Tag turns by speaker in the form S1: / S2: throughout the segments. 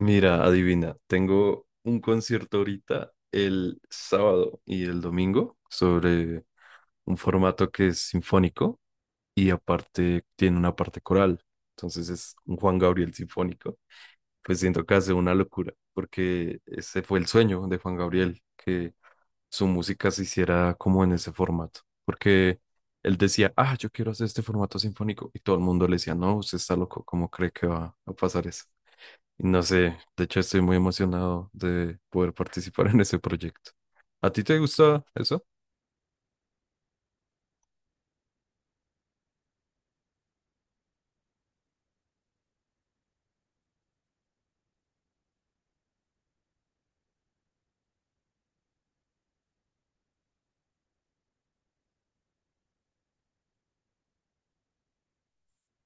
S1: Mira, adivina, tengo un concierto ahorita el sábado y el domingo sobre un formato que es sinfónico y aparte tiene una parte coral. Entonces es un Juan Gabriel sinfónico. Pues siento que hace una locura porque ese fue el sueño de Juan Gabriel, que su música se hiciera como en ese formato. Porque él decía, ah, yo quiero hacer este formato sinfónico y todo el mundo le decía, no, usted está loco, ¿cómo cree que va a pasar eso? No sé, de hecho estoy muy emocionado de poder participar en ese proyecto. ¿A ti te gusta eso?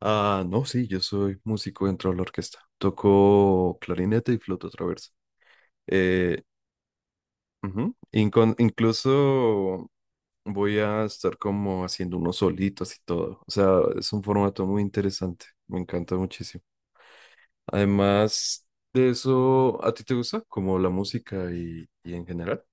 S1: Ah, no, sí, yo soy músico dentro de la orquesta. Toco clarinete y flauta traversa. Eh, Ujú, incluso voy a estar como haciendo unos solitos y todo. O sea, es un formato muy interesante. Me encanta muchísimo. Además de eso, ¿a ti te gusta como la música y en general?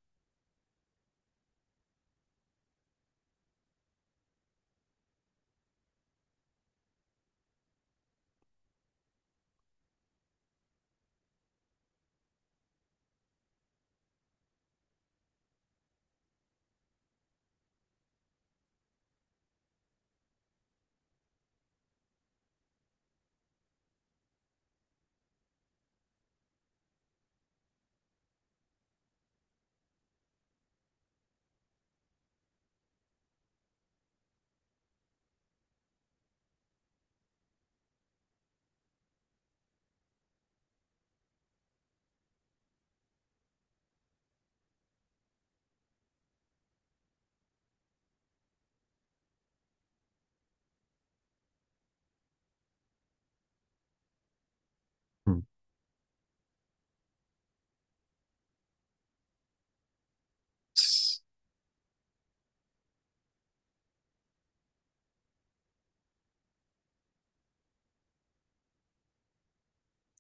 S1: Mm.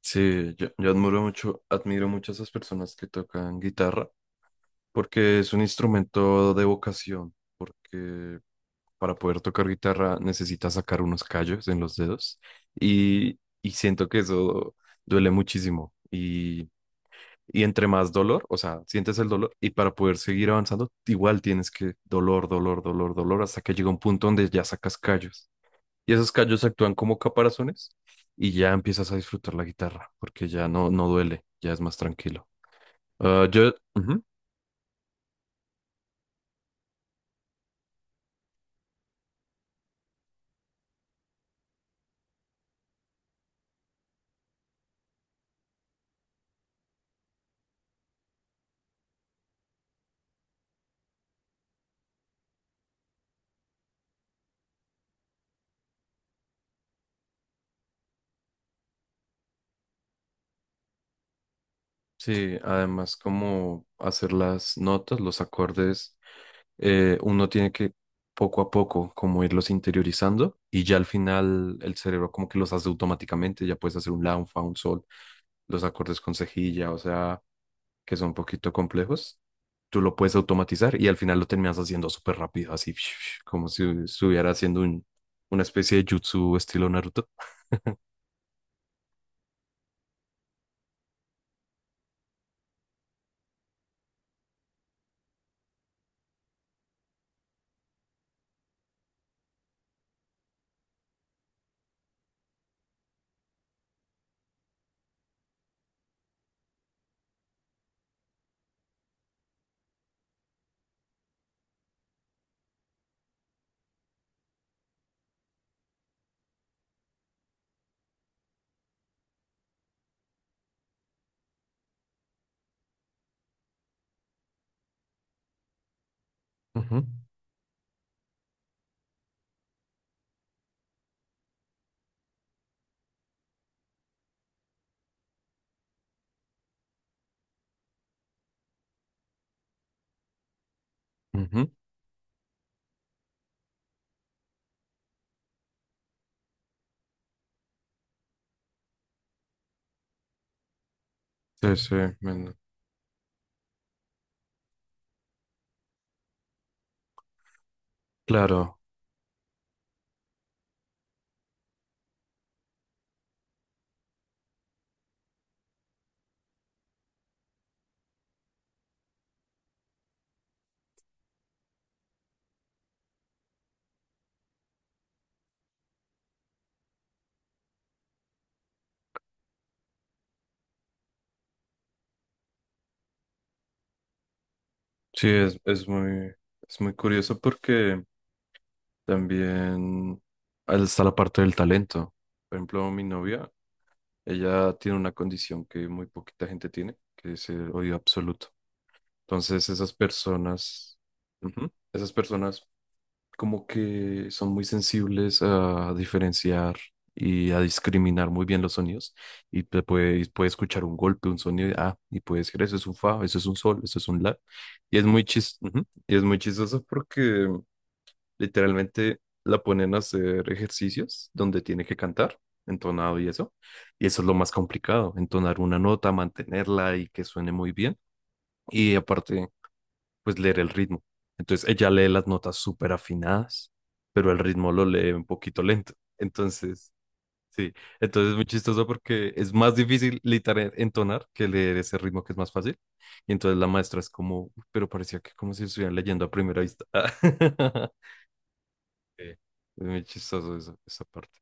S1: Sí, yo admiro mucho a esas personas que tocan guitarra, porque es un instrumento de vocación, porque para poder tocar guitarra necesitas sacar unos callos en los dedos y siento que eso duele muchísimo y entre más dolor, o sea, sientes el dolor y para poder seguir avanzando, igual tienes que dolor, dolor, dolor, dolor, hasta que llega un punto donde ya sacas callos y esos callos actúan como caparazones y ya empiezas a disfrutar la guitarra porque ya no, no duele, ya es más tranquilo. Ah, yo, ujú, sí, además como hacer las notas, los acordes, uno tiene que poco a poco como irlos interiorizando y ya al final el cerebro como que los hace automáticamente, ya puedes hacer un la, un fa, un sol, los acordes con cejilla, o sea, que son un poquito complejos, tú lo puedes automatizar y al final lo terminas haciendo súper rápido, así como si estuviera haciendo un, una especie de jutsu estilo Naruto. Ujú, ujú. Sí, sí, men- claro, sí, es muy curioso porque también ahí está la parte del talento. Por ejemplo, mi novia, ella tiene una condición que muy poquita gente tiene, que es el oído absoluto. Entonces, esas personas, ujú, esas personas como que son muy sensibles a diferenciar y a discriminar muy bien los sonidos. Y te puede, puede escuchar un golpe, un sonido, y, ah, y puede decir, eso es un fa, eso es un sol, eso es un la. Y es muy chis, ujú, y es muy chistoso porque literalmente la ponen a hacer ejercicios donde tiene que cantar entonado y eso es lo más complicado, entonar una nota, mantenerla y que suene muy bien. Y aparte, pues leer el ritmo. Entonces ella lee las notas súper afinadas, pero el ritmo lo lee un poquito lento. Entonces, sí, entonces es muy chistoso porque es más difícil literal entonar que leer ese ritmo que es más fácil. Y entonces la maestra es como, "Uy, pero parecía que como si estuvieran leyendo a primera vista". Sí, es muy chistoso eso, esa parte.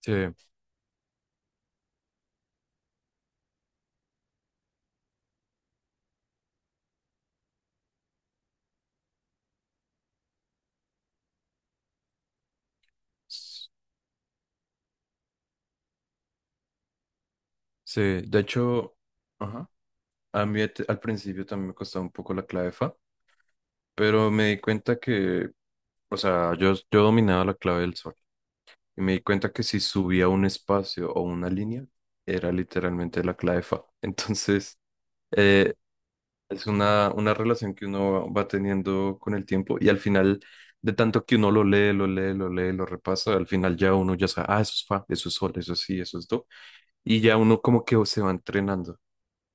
S1: Sí, s- sí, de hecho, ajá, a mí al principio también me costaba un poco la clave fa, pero me di cuenta que, o sea, yo dominaba la clave del sol y me di cuenta que si subía un espacio o una línea, era literalmente la clave fa. Entonces, eh, es una relación que uno va teniendo con el tiempo y al final, de tanto que uno lo lee, lo lee, lo lee, lo repasa, al final ya uno ya sabe, ah, eso es fa, eso es sol, eso es si, eso es do. Y ya uno como que se va entrenando,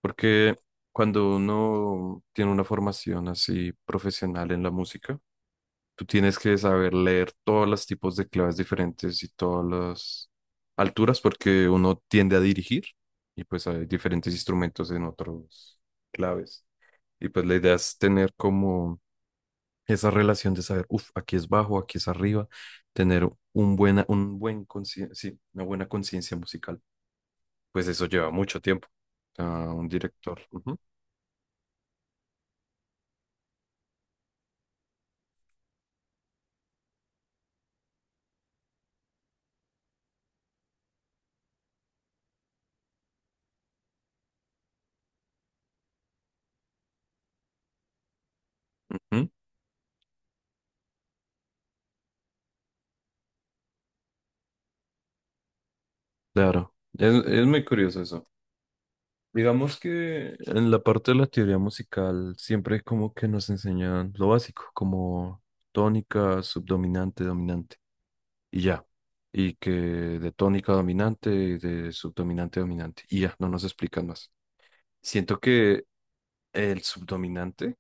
S1: porque cuando uno tiene una formación así profesional en la música, tú tienes que saber leer todos los tipos de claves diferentes y todas las alturas porque uno tiende a dirigir y pues hay diferentes instrumentos en otros claves. Y pues la idea es tener como esa relación de saber, uff, aquí es bajo, aquí es arriba, tener un buena, un buen sí, una buena conciencia musical. Pues eso lleva mucho tiempo a un director. Ujú, ujú, claro, es muy curioso eso. Digamos que en la parte de la teoría musical siempre como que nos enseñan lo básico, como tónica, subdominante, dominante, y ya. Y que de tónica dominante y de subdominante dominante, y ya, no nos explican más. Siento que el subdominante,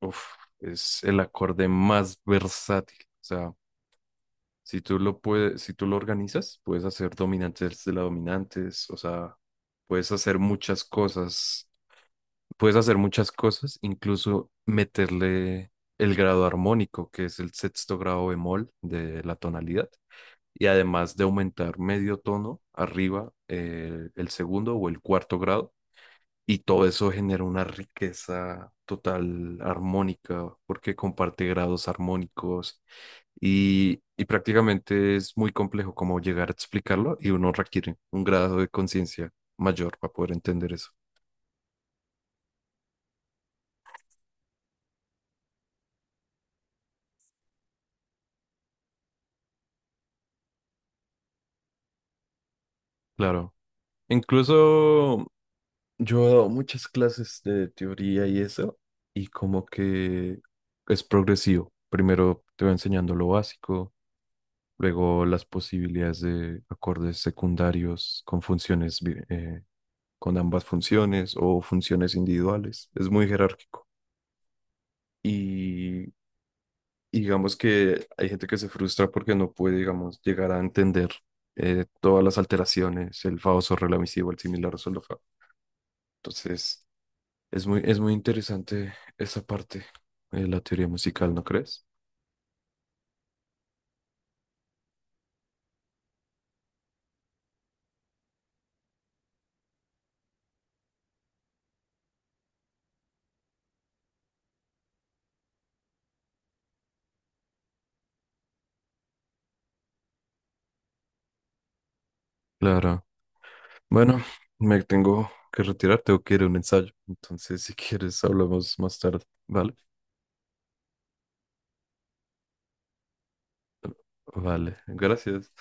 S1: uf, es el acorde más versátil. O sea, si tú lo puedes, si tú lo organizas, puedes hacer dominantes de la dominantes, o sea, puedes hacer muchas cosas, puedes hacer muchas cosas, incluso meterle el grado armónico, que es el sexto grado bemol de la tonalidad, y además de aumentar medio tono arriba el segundo o el cuarto grado, y todo eso genera una riqueza total armónica, porque comparte grados armónicos, y prácticamente es muy complejo como llegar a explicarlo, y uno requiere un grado de conciencia mayor para poder entender eso. Claro. Incluso yo he dado muchas clases de teoría y eso, y como que es progresivo. Primero te va enseñando lo básico, luego las posibilidades de acordes secundarios con funciones, con ambas funciones o funciones individuales. Es muy jerárquico. Y digamos que hay gente que se frustra porque no puede, digamos, llegar a entender todas las alteraciones, el famoso relativo, el similar, el solo fa. Entonces es muy, es muy interesante esa parte de la teoría musical, ¿no crees? Claro. Bueno, me tengo que retirar, tengo que ir a un ensayo. Entonces, si quieres, hablamos más tarde. Vale, vale. Gracias.